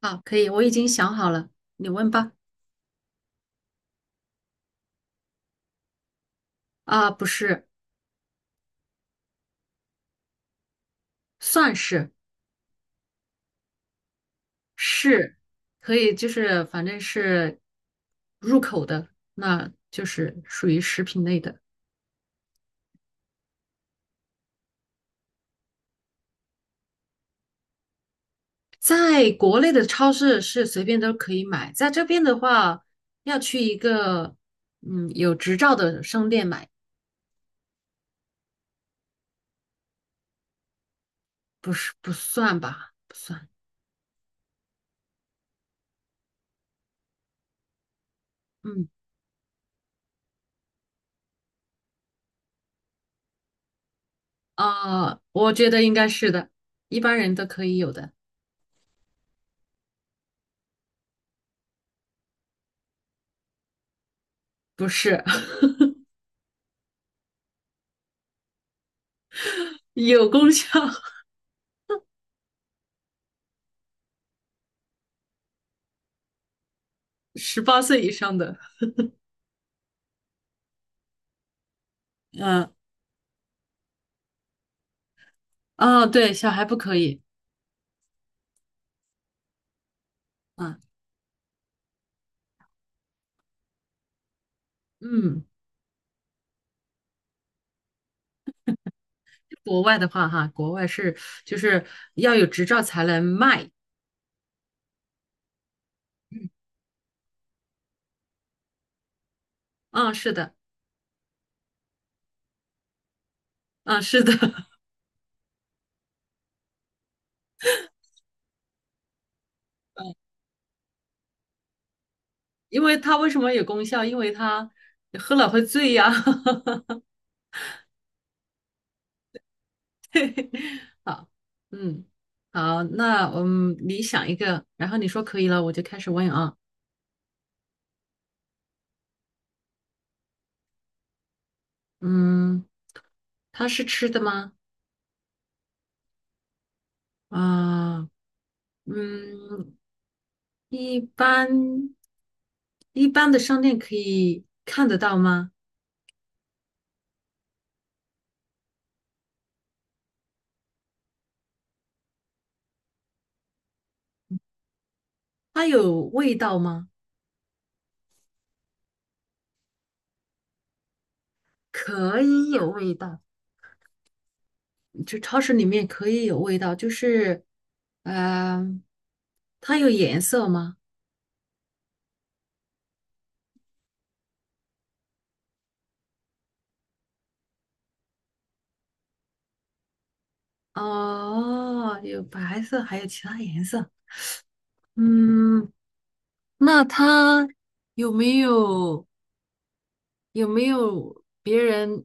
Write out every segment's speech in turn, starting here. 好，可以，我已经想好了，你问吧。啊，不是，算是是，可以，就是反正是入口的，那就是属于食品类的。在国内的超市是随便都可以买，在这边的话，要去一个有执照的商店买，不是不算吧，不算。嗯。啊，我觉得应该是的，一般人都可以有的，不是 有功效，18岁以上的。嗯。哦，对，小孩不可以。嗯。嗯，国外的话哈，国外是就是要有执照才能卖。嗯，是的。嗯，是的。因为它为什么有功效？因为它喝了会醉呀。对，好，嗯，好，那嗯，你想一个，然后你说可以了，我就开始问啊。嗯，它是吃的吗？啊，嗯，一般一般的商店可以看得到吗？它有味道吗？可以有味道，就超市里面可以有味道，就是，嗯、它有颜色吗？哦，有白色，还有其他颜色。嗯，那它有没有有没有别人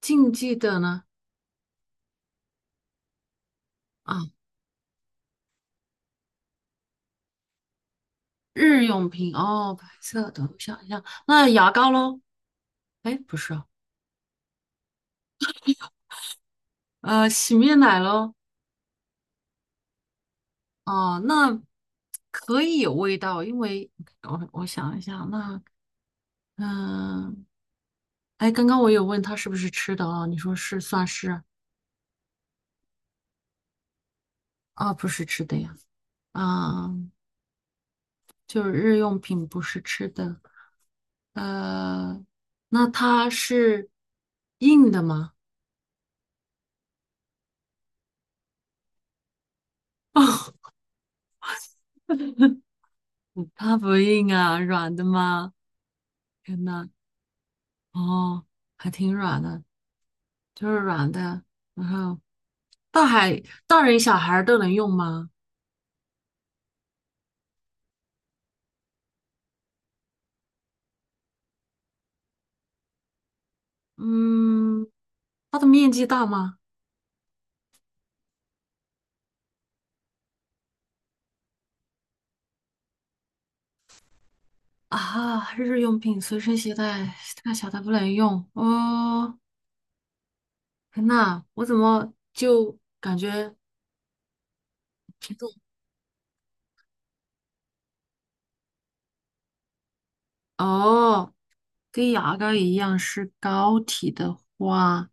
禁忌的呢？啊，日用品哦，白色的，我想一下，那牙膏喽？哎，不是啊。洗面奶喽？哦，那可以有味道，因为我想一下，那嗯，哎，刚刚我有问他是不是吃的啊？你说是算是。啊，不是吃的呀，啊，就是日用品不是吃的。呃，那它是硬的吗？它不硬啊，软的吗？天呐，哦，还挺软的，就是软的，然后大人小孩儿都能用吗？嗯。它的面积大吗？啊，日用品随身携带，太小它不能用。哦，天呐，我怎么就感觉这种哦，跟牙膏一样是膏体的话，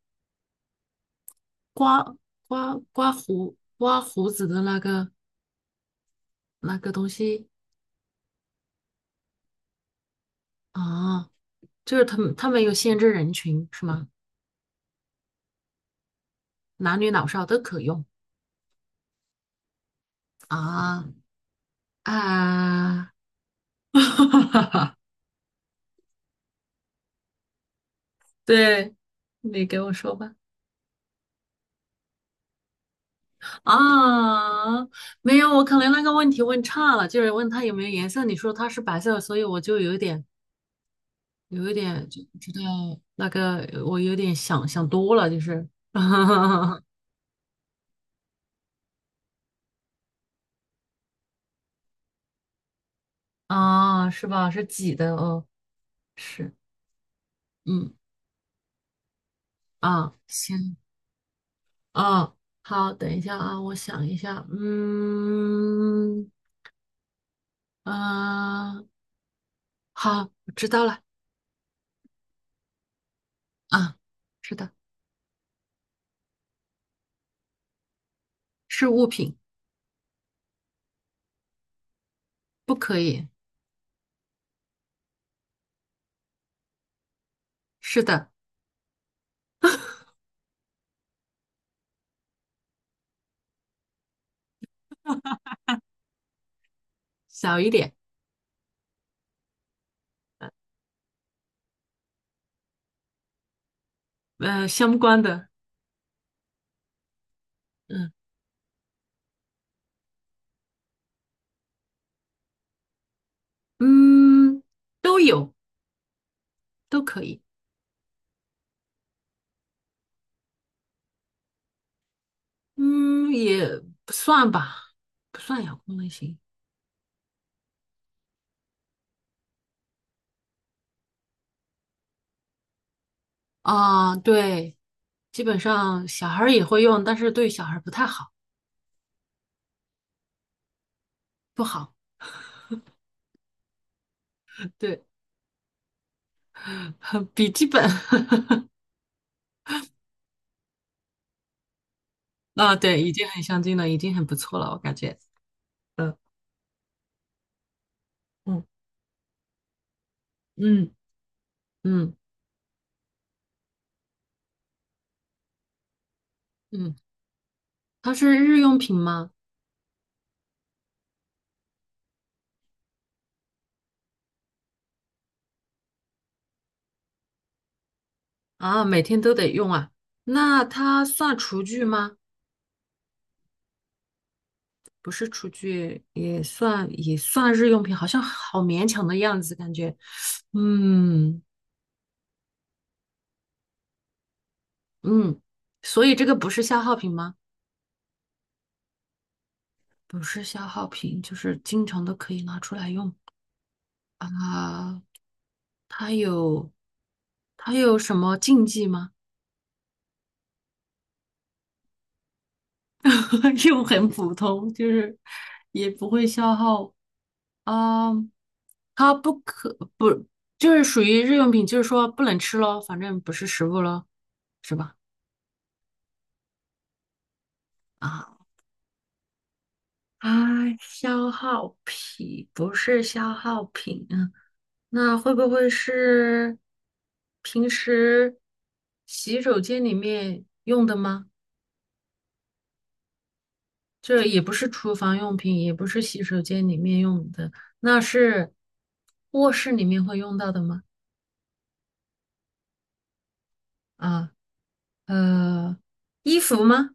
刮刮胡子的那个东西啊，就是他们有限制人群是吗？男女老少都可用啊。啊，对，你给我说吧。啊，没有，我可能那个问题问差了，就是问它有没有颜色，你说它是白色，所以我就有一点，有一点就不知道那个，我有点想多了，就是，啊，是吧？是挤的哦，是。嗯，啊，行，啊，好，等一下啊，我想一下，嗯，啊，好，我知道了，啊，是的，是物品，不可以，是的，小一点。相关的。嗯。嗯，都有，都可以。嗯，也不算吧，不算遥控类型。啊，对，基本上小孩儿也会用，但是对小孩儿不太好，不好，对，笔记本。啊，对，已经很相近了，已经很不错了，我感觉。嗯。嗯。嗯。嗯。嗯，它是日用品吗？啊，每天都得用啊，那它算厨具吗？不是厨具，也算也算日用品，好像好勉强的样子，感觉。嗯。嗯，所以这个不是消耗品吗？不是消耗品，就是经常都可以拿出来用啊。它有什么禁忌吗？又很普通，就是也不会消耗啊。它不可不就是属于日用品，就是说不能吃咯，反正不是食物咯，是吧？啊。啊，消耗品不是消耗品啊，那会不会是平时洗手间里面用的吗？这也不是厨房用品，也不是洗手间里面用的，那是卧室里面会用到的吗？啊，呃，衣服吗？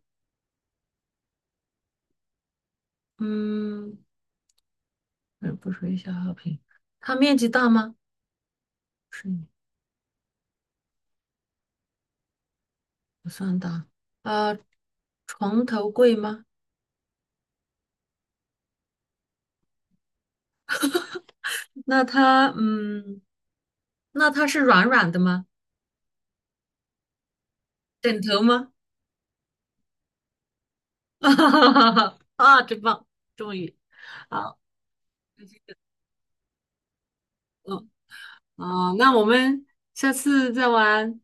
嗯，呃不属于消耗品。它面积大吗？是，不算大。呃，床头柜吗？那它，嗯，那它是软软的吗？枕头吗？啊，真棒，终于，好，嗯，哦，那我们下次再玩。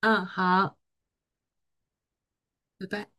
嗯，好，拜拜。